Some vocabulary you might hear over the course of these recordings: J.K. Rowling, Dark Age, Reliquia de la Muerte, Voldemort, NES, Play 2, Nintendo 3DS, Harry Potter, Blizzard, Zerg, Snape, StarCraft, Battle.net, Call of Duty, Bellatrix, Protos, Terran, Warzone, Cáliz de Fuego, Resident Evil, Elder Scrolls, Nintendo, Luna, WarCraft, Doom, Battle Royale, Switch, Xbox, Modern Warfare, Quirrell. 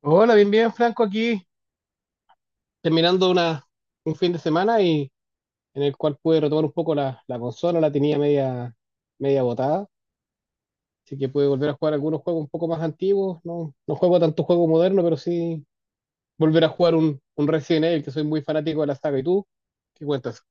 Hola, bien, bien, Franco, aquí terminando un fin de semana en el cual pude retomar un poco la consola, la tenía media, media botada, así que pude volver a jugar algunos juegos un poco más antiguos, no, no juego tanto juego moderno, pero sí volver a jugar un Resident Evil, que soy muy fanático de la saga. ¿Y tú? ¿Qué cuentas?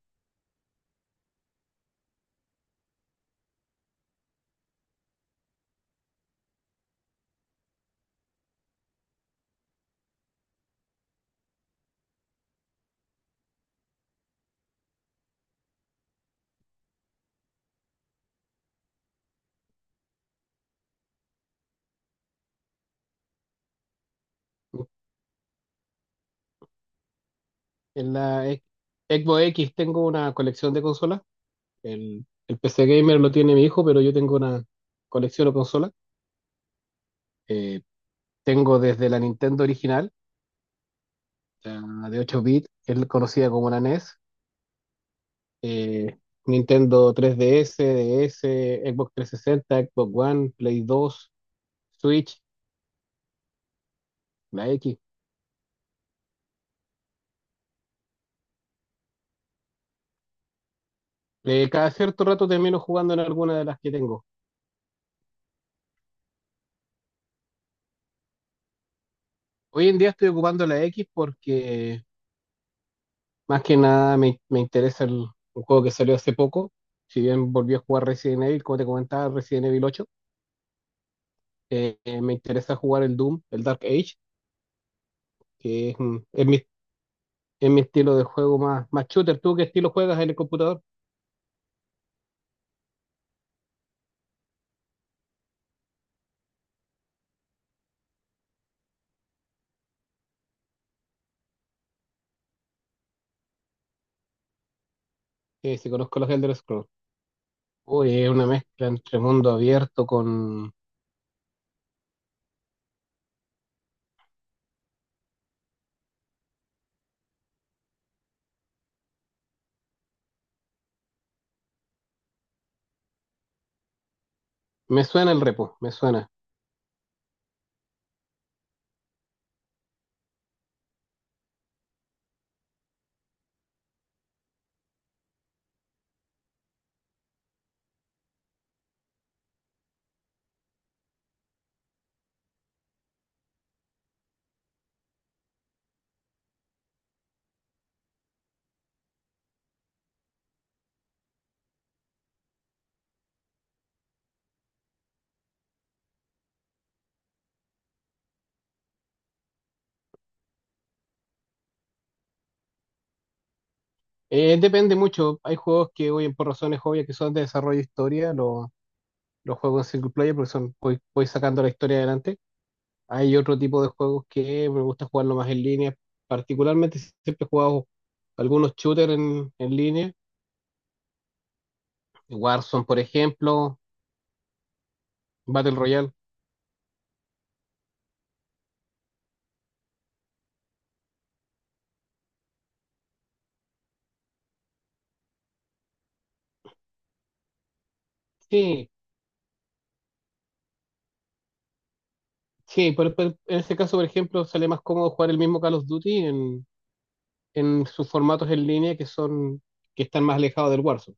En la Xbox X. Tengo una colección de consolas, el PC Gamer lo tiene mi hijo, pero yo tengo una colección de consolas. Eh, Tengo desde la Nintendo original, la de 8 bits, que es conocida como la NES, eh, Nintendo 3DS, DS, Xbox 360, Xbox One, Play 2, Switch, la X. Cada cierto rato termino jugando en alguna de las que tengo. Hoy en día estoy ocupando la X porque más que nada me interesa un juego que salió hace poco. Si bien volví a jugar Resident Evil, como te comentaba, Resident Evil 8. Me interesa jugar el Doom, el Dark Age, que es mi estilo de juego más, más shooter. ¿Tú qué estilo juegas en el computador? Si conozco los Elder Scrolls. Uy, es una mezcla entre mundo abierto con... Me suena el repo, me suena. Depende mucho. Hay juegos que, hoy por razones obvias que son de desarrollo de historia, los juegos en single player porque son, voy sacando la historia adelante. Hay otro tipo de juegos que me gusta jugarlo más en línea. Particularmente siempre he jugado algunos shooters en línea. Warzone, por ejemplo, Battle Royale. Sí. Sí, pero en este caso, por ejemplo, sale más cómodo jugar el mismo Call of Duty en sus formatos en línea, que están más alejados del Warzone.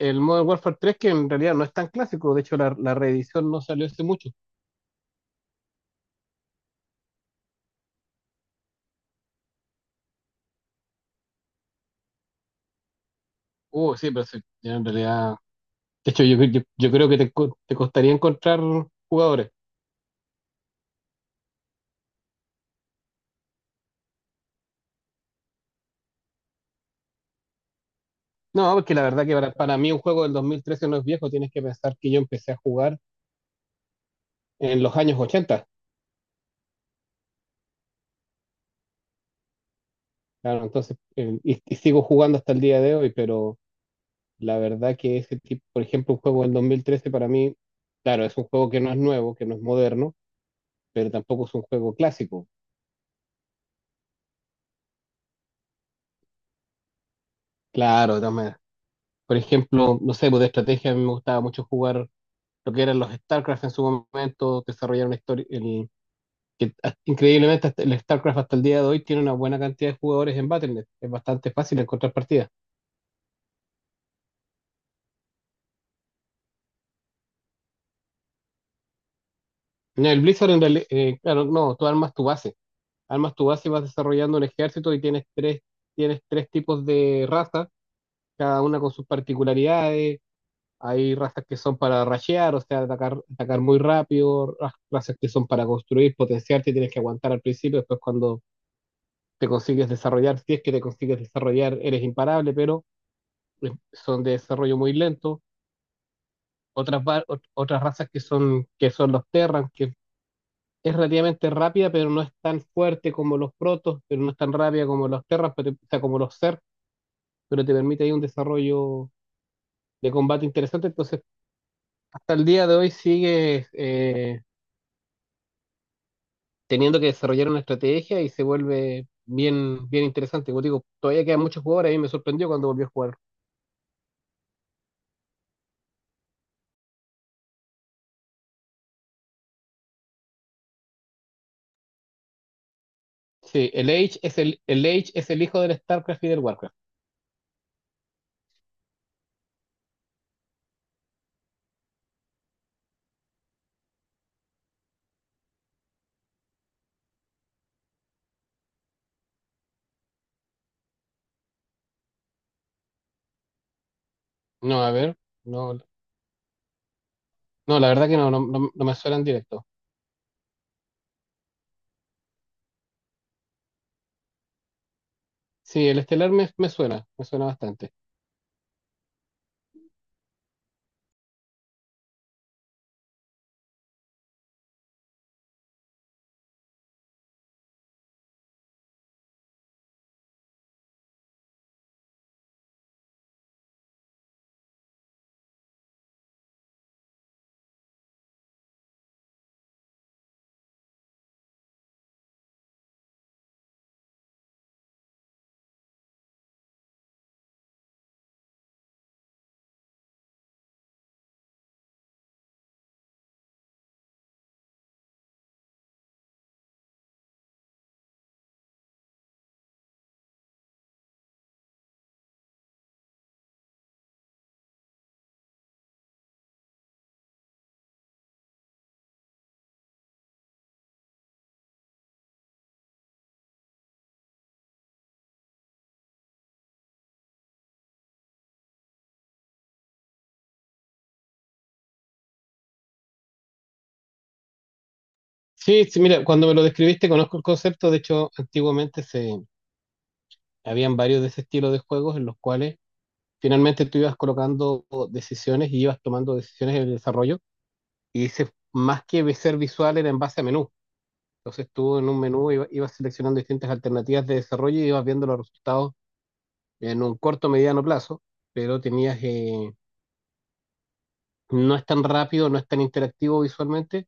El Modern Warfare tres, que en realidad no es tan clásico, de hecho la reedición no salió hace mucho. Sí, pero sí, en realidad, de hecho yo creo que te costaría encontrar jugadores. No, porque la verdad que para mí un juego del 2013 no es viejo, tienes que pensar que yo empecé a jugar en los años ochenta. Claro, entonces, y sigo jugando hasta el día de hoy, pero la verdad que ese tipo, por ejemplo, un juego del 2013 para mí, claro, es un juego que no es nuevo, que no es moderno, pero tampoco es un juego clásico. Claro, de todas maneras. Por ejemplo, no sé, pues de estrategia a mí me gustaba mucho jugar lo que eran los StarCraft en su momento, desarrollar una historia, increíblemente hasta el StarCraft hasta el día de hoy tiene una buena cantidad de jugadores en Battle.net. Es bastante fácil encontrar partidas. No, el Blizzard en realidad, claro, no, tú armas tu base. Armas tu base y vas desarrollando un ejército y tienes tres tipos de razas, cada una con sus particularidades. Hay razas que son para rashear, o sea, atacar, atacar muy rápido, razas que son para construir, potenciarte, tienes que aguantar al principio, después cuando te consigues desarrollar, si es que te consigues desarrollar, eres imparable, pero son de desarrollo muy lento. Otras razas que son los Terran, que es relativamente rápida, pero no es tan fuerte como los Protos, pero no es tan rápida como los Terran, pero, o sea, como los Zerg, pero te permite ahí un desarrollo de combate interesante, entonces hasta el día de hoy sigue teniendo que desarrollar una estrategia y se vuelve bien, bien interesante. Como digo, todavía quedan muchos jugadores y me sorprendió cuando volvió a jugar. Sí, el Age es el Age es el hijo del StarCraft y del WarCraft. No, a ver, no, no, la verdad que no, no me suena en directo. Sí, el Estelar me suena bastante. Sí, sí, mira, cuando me lo describiste conozco el concepto, de hecho, antiguamente se habían varios de ese estilo de juegos en los cuales finalmente tú ibas colocando decisiones y ibas tomando decisiones en el desarrollo y ese, más que ser visual, era en base a menú. Entonces tú en un menú ibas seleccionando distintas alternativas de desarrollo y ibas viendo los resultados en un corto, mediano plazo, pero tenías, no es tan rápido, no es tan interactivo visualmente,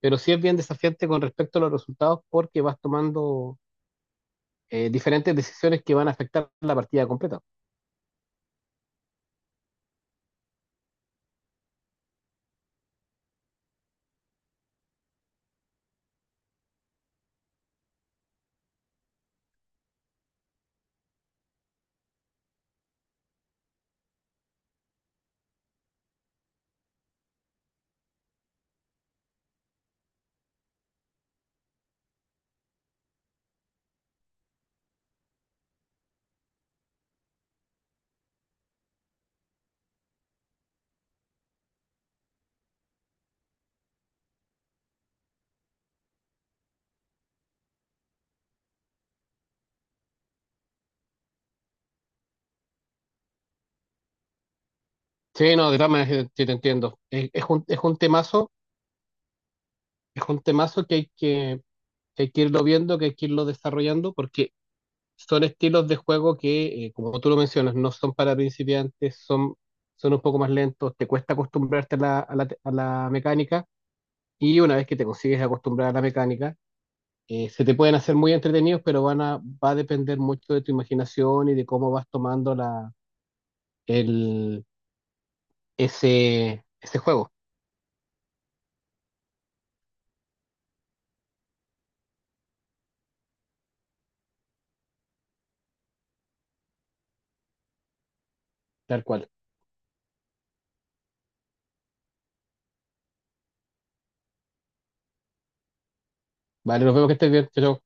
pero sí es bien desafiante con respecto a los resultados porque vas tomando diferentes decisiones que van a afectar la partida completa. Sí, no, de todas maneras, sí te entiendo. Es un temazo que hay que irlo viendo, que hay que irlo desarrollando, porque son estilos de juego que, como tú lo mencionas, no son para principiantes, son, son un poco más lentos, te cuesta acostumbrarte a a la mecánica, y una vez que te consigues acostumbrar a la mecánica, se te pueden hacer muy entretenidos, pero va a depender mucho de tu imaginación y de cómo vas tomando el, ese juego, tal cual. Vale, nos vemos, que estés bien. Chao, chao.